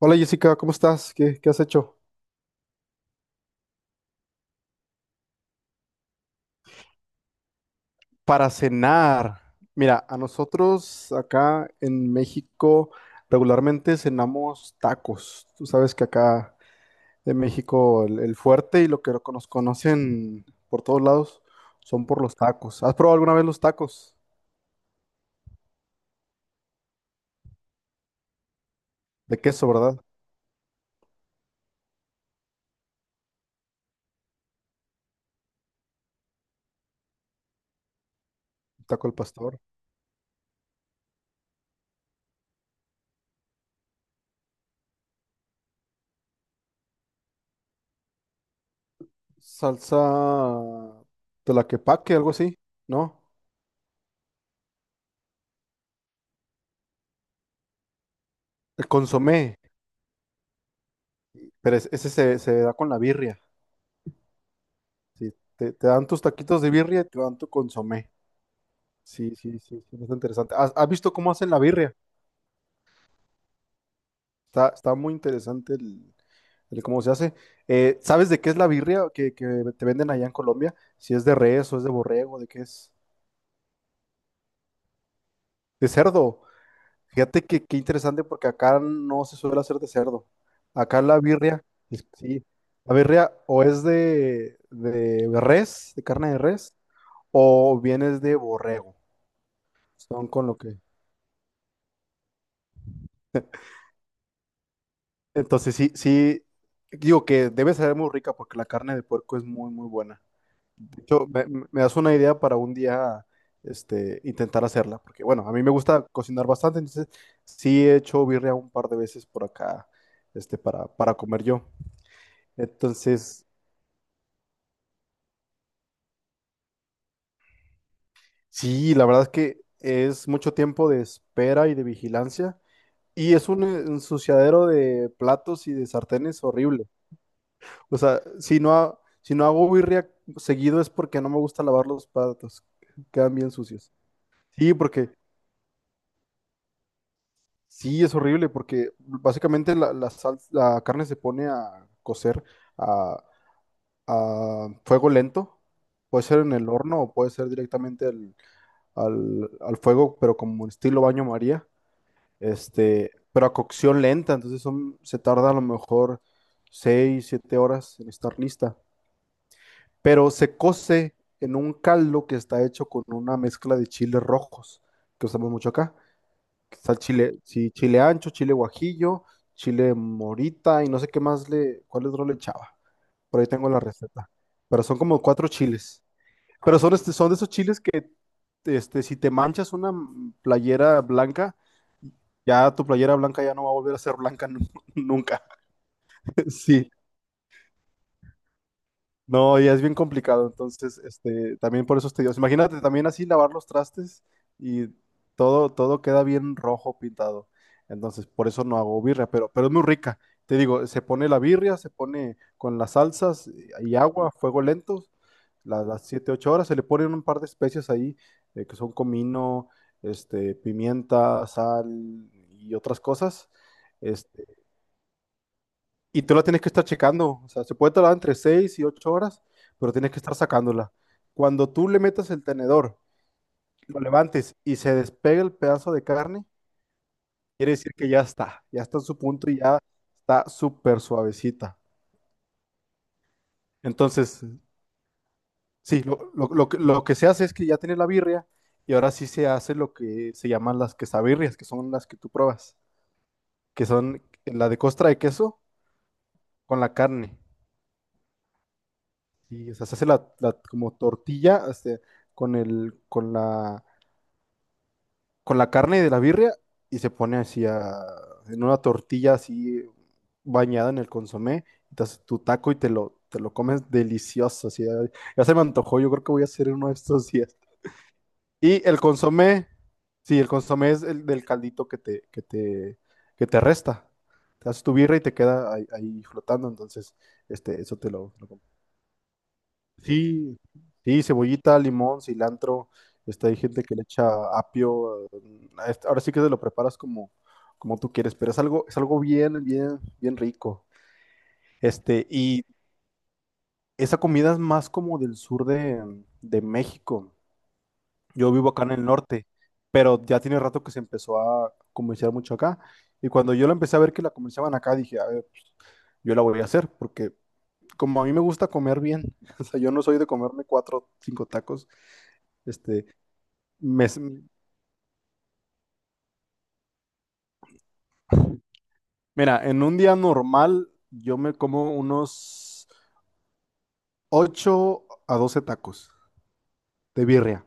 Hola Jessica, ¿cómo estás? ¿Qué has hecho? Para cenar. Mira, a nosotros acá en México regularmente cenamos tacos. Tú sabes que acá en México el fuerte y lo que nos conocen por todos lados son por los tacos. ¿Has probado alguna vez los tacos? De queso, ¿verdad? Taco al pastor. Salsa de la que paque, algo así, ¿no? El consomé, pero ese se da con la birria. Sí, te dan tus taquitos de birria y te dan tu consomé. Sí, sí, sí, sí, está interesante. ¿Has visto cómo hacen la birria? Está muy interesante el cómo se hace. ¿Sabes de qué es la birria que te venden allá en Colombia? Si es de res o es de borrego, de qué es. De cerdo. Fíjate que qué interesante porque acá no se suele hacer de cerdo. Acá la birria, sí, la birria o es de res, de carne de res, o bien es de borrego. Son con lo que... Entonces sí, sí, digo que debe ser muy rica porque la carne de puerco es muy, muy buena. De hecho, me das una idea para un día, intentar hacerla, porque bueno, a mí me gusta cocinar bastante, entonces sí he hecho birria un par de veces por acá, para comer yo. Entonces, sí, la verdad es que es mucho tiempo de espera y de vigilancia, y es un ensuciadero de platos y de sartenes horrible. O sea, si no, si no hago birria seguido es porque no me gusta lavar los platos. Quedan bien sucios. Sí, porque sí, es horrible, porque básicamente la carne se pone a cocer a, a fuego lento. Puede ser en el horno o puede ser directamente al fuego, pero como estilo baño María. Pero a cocción lenta, entonces se tarda a lo mejor 6 o 7 horas en estar lista. Pero se cose en un caldo que está hecho con una mezcla de chiles rojos, que usamos mucho acá. Que Está el chile, sí, chile ancho, chile guajillo, chile morita y no sé qué más cuál otro le echaba. Por ahí tengo la receta. Pero son como cuatro chiles. Pero son, son de esos chiles que, si te manchas una playera blanca, ya tu playera blanca ya no va a volver a ser blanca nunca. Sí. No, y es bien complicado, entonces, también por eso es tedioso. Imagínate también así lavar los trastes y todo queda bien rojo pintado. Entonces, por eso no hago birria, pero es muy rica. Te digo, se pone la birria, se pone con las salsas y agua, fuego lento, las 7 u 8 horas, se le ponen un par de especias ahí, que son comino, pimienta, sal y otras cosas. este, y tú la tienes que estar checando. O sea, se puede tardar entre 6 y 8 horas, pero tienes que estar sacándola. Cuando tú le metas el tenedor, lo levantes y se despegue el pedazo de carne, quiere decir que ya está en su punto y ya está súper suavecita. Entonces, sí, lo que se hace es que ya tienes la birria y ahora sí se hace lo que se llaman las quesabirrias, que son las que tú pruebas, que son la de costra de queso con la carne. Sí, o sea, se hace la como tortilla con el, con la, con la carne de la birria y se pone así en una tortilla así bañada en el consomé. Entonces tu taco y te lo comes delicioso. Así, ay, ya se me antojó, yo creo que voy a hacer uno de estos días. Y el consomé, sí, el consomé es el del caldito que te resta. Te haces tu birria y te queda ahí flotando. Entonces, eso te lo. Sí, sí, cebollita, limón, cilantro. Hay gente que le echa apio. Ahora sí que te lo preparas como tú quieres, pero es algo bien, bien, bien rico. Y esa comida es más como del sur de México. Yo vivo acá en el norte, pero ya tiene rato que se empezó a comerciar mucho acá. Y cuando yo la empecé a ver que la comerciaban acá, dije, a ver, yo la voy a hacer, porque como a mí me gusta comer bien, o sea, yo no soy de comerme cuatro, cinco tacos. Este, Me- mira, en un día normal yo me como unos 8 a 12 tacos de birria.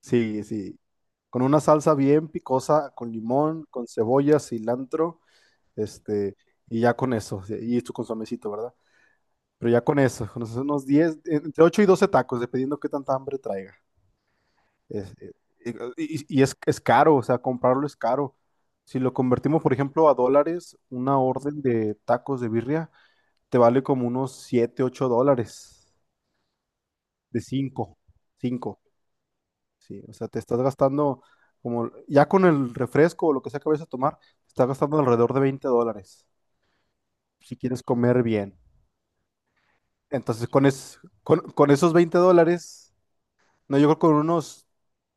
Sí, sí. Con una salsa bien picosa, con limón, con cebolla, cilantro, este, y ya con eso. Sí, y tu consomecito, ¿verdad? Pero ya con eso, con esos unos 10, entre 8 y 12 tacos, dependiendo qué tanta hambre traiga. Es- eh, es caro, o sea, comprarlo es caro. Si lo convertimos, por ejemplo, a dólares, una orden de tacos de birria te vale como unos $7 u $8 de cinco. Sí, o sea, te estás gastando como, ya con el refresco o lo que sea que vayas a tomar, te estás gastando alrededor de $20 si quieres comer bien. Entonces, con esos $20, no, yo creo que con unos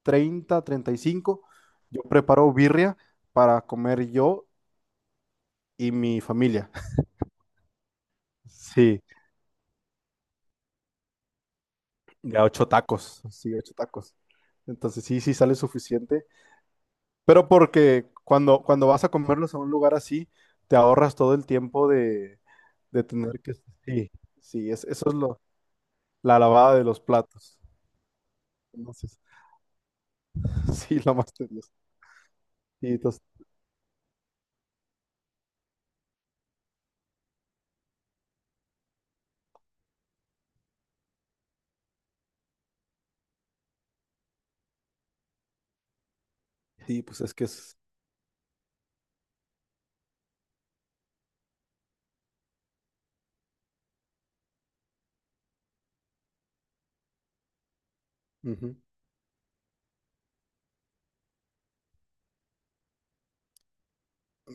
30, 35 yo preparo birria para comer yo y mi familia. Sí, ya ocho tacos, sí, ocho tacos. Entonces, sí, sí sale suficiente. Pero porque cuando vas a comerlos a un lugar así, te ahorras todo el tiempo de tener que... Sí, sí, eso es la lavada de los platos. Entonces, sí, lo más tedioso. Sí, entonces, sí, pues es que es... Ujú.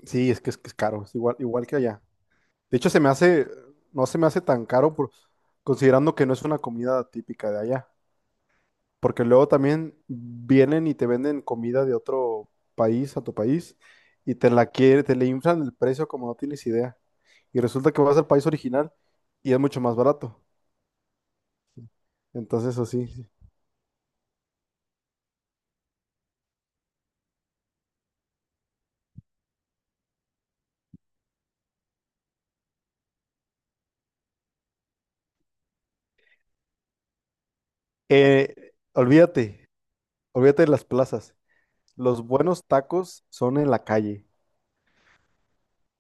Sí, es que es, que es caro, es igual, igual que allá. De hecho, se me hace, no se me hace tan caro por, considerando que no es una comida típica de allá. Porque luego también vienen y te venden comida de otro país a tu país y te la quiere, te le inflan el precio como no tienes idea. Y resulta que vas al país original y es mucho más barato. Entonces, así. Sí. Olvídate, olvídate de las plazas. Los buenos tacos son en la calle.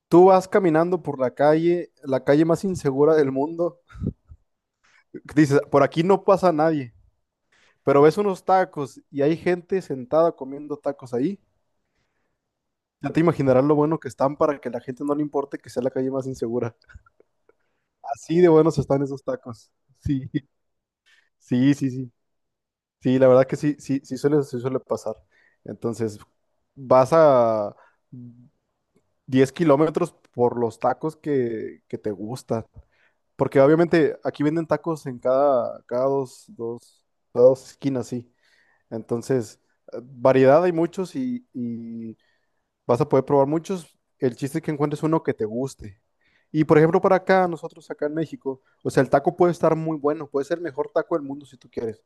Tú vas caminando por la calle más insegura del mundo. Dices, por aquí no pasa nadie, pero ves unos tacos y hay gente sentada comiendo tacos ahí. Ya te imaginarás lo bueno que están para que la gente no le importe que sea la calle más insegura. Así de buenos están esos tacos. Sí, sí, sí, sí. Sí, la verdad que sí, sí, sí suele pasar. Entonces, vas a 10 km por los tacos que te gustan. Porque obviamente aquí venden tacos en cada dos esquinas, sí. Entonces, variedad hay muchos y vas a poder probar muchos. El chiste es que encuentres uno que te guste. Y por ejemplo, para acá, nosotros acá en México, o sea, el taco puede estar muy bueno, puede ser el mejor taco del mundo si tú quieres,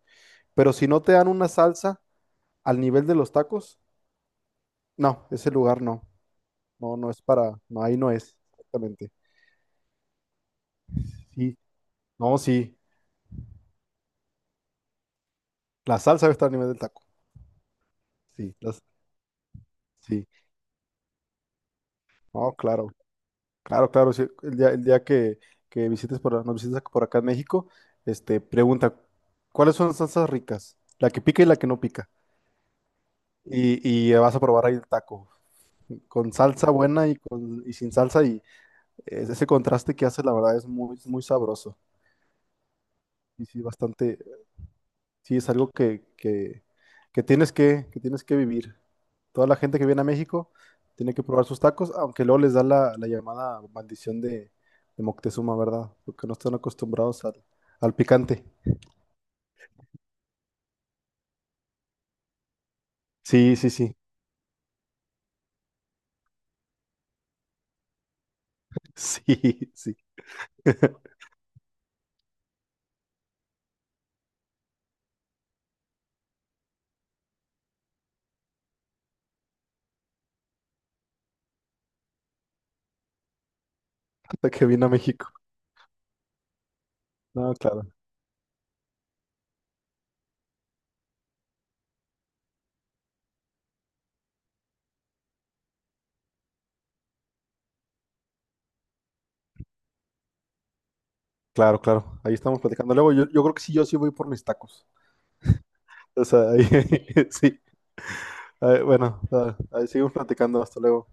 pero si no te dan una salsa al nivel de los tacos, no, ese lugar no, no, no es para, no, ahí no es, exactamente. Sí, no, sí, la salsa debe estar al nivel del taco, sí, sí, no, claro, claro, claro, sí, el día que nos visites por acá en México, pregunta, ¿cuáles son las salsas ricas? La que pica y la que no pica, y vas a probar ahí el taco, con salsa buena y sin salsa y ese contraste que hace la verdad es muy, muy sabroso. Y sí, bastante, sí es algo que tienes que, tienes que vivir. Toda la gente que viene a México tiene que probar sus tacos, aunque luego les da la llamada maldición de Moctezuma, ¿verdad? Porque no están acostumbrados al picante. Sí, sí, sí. Sí, sí. Hasta que vino a México. No, claro, claro, claro. Ahí estamos platicando. Luego yo creo que sí, yo sí voy por mis tacos. O sea, sí. A bueno, a ahí seguimos platicando. Hasta luego.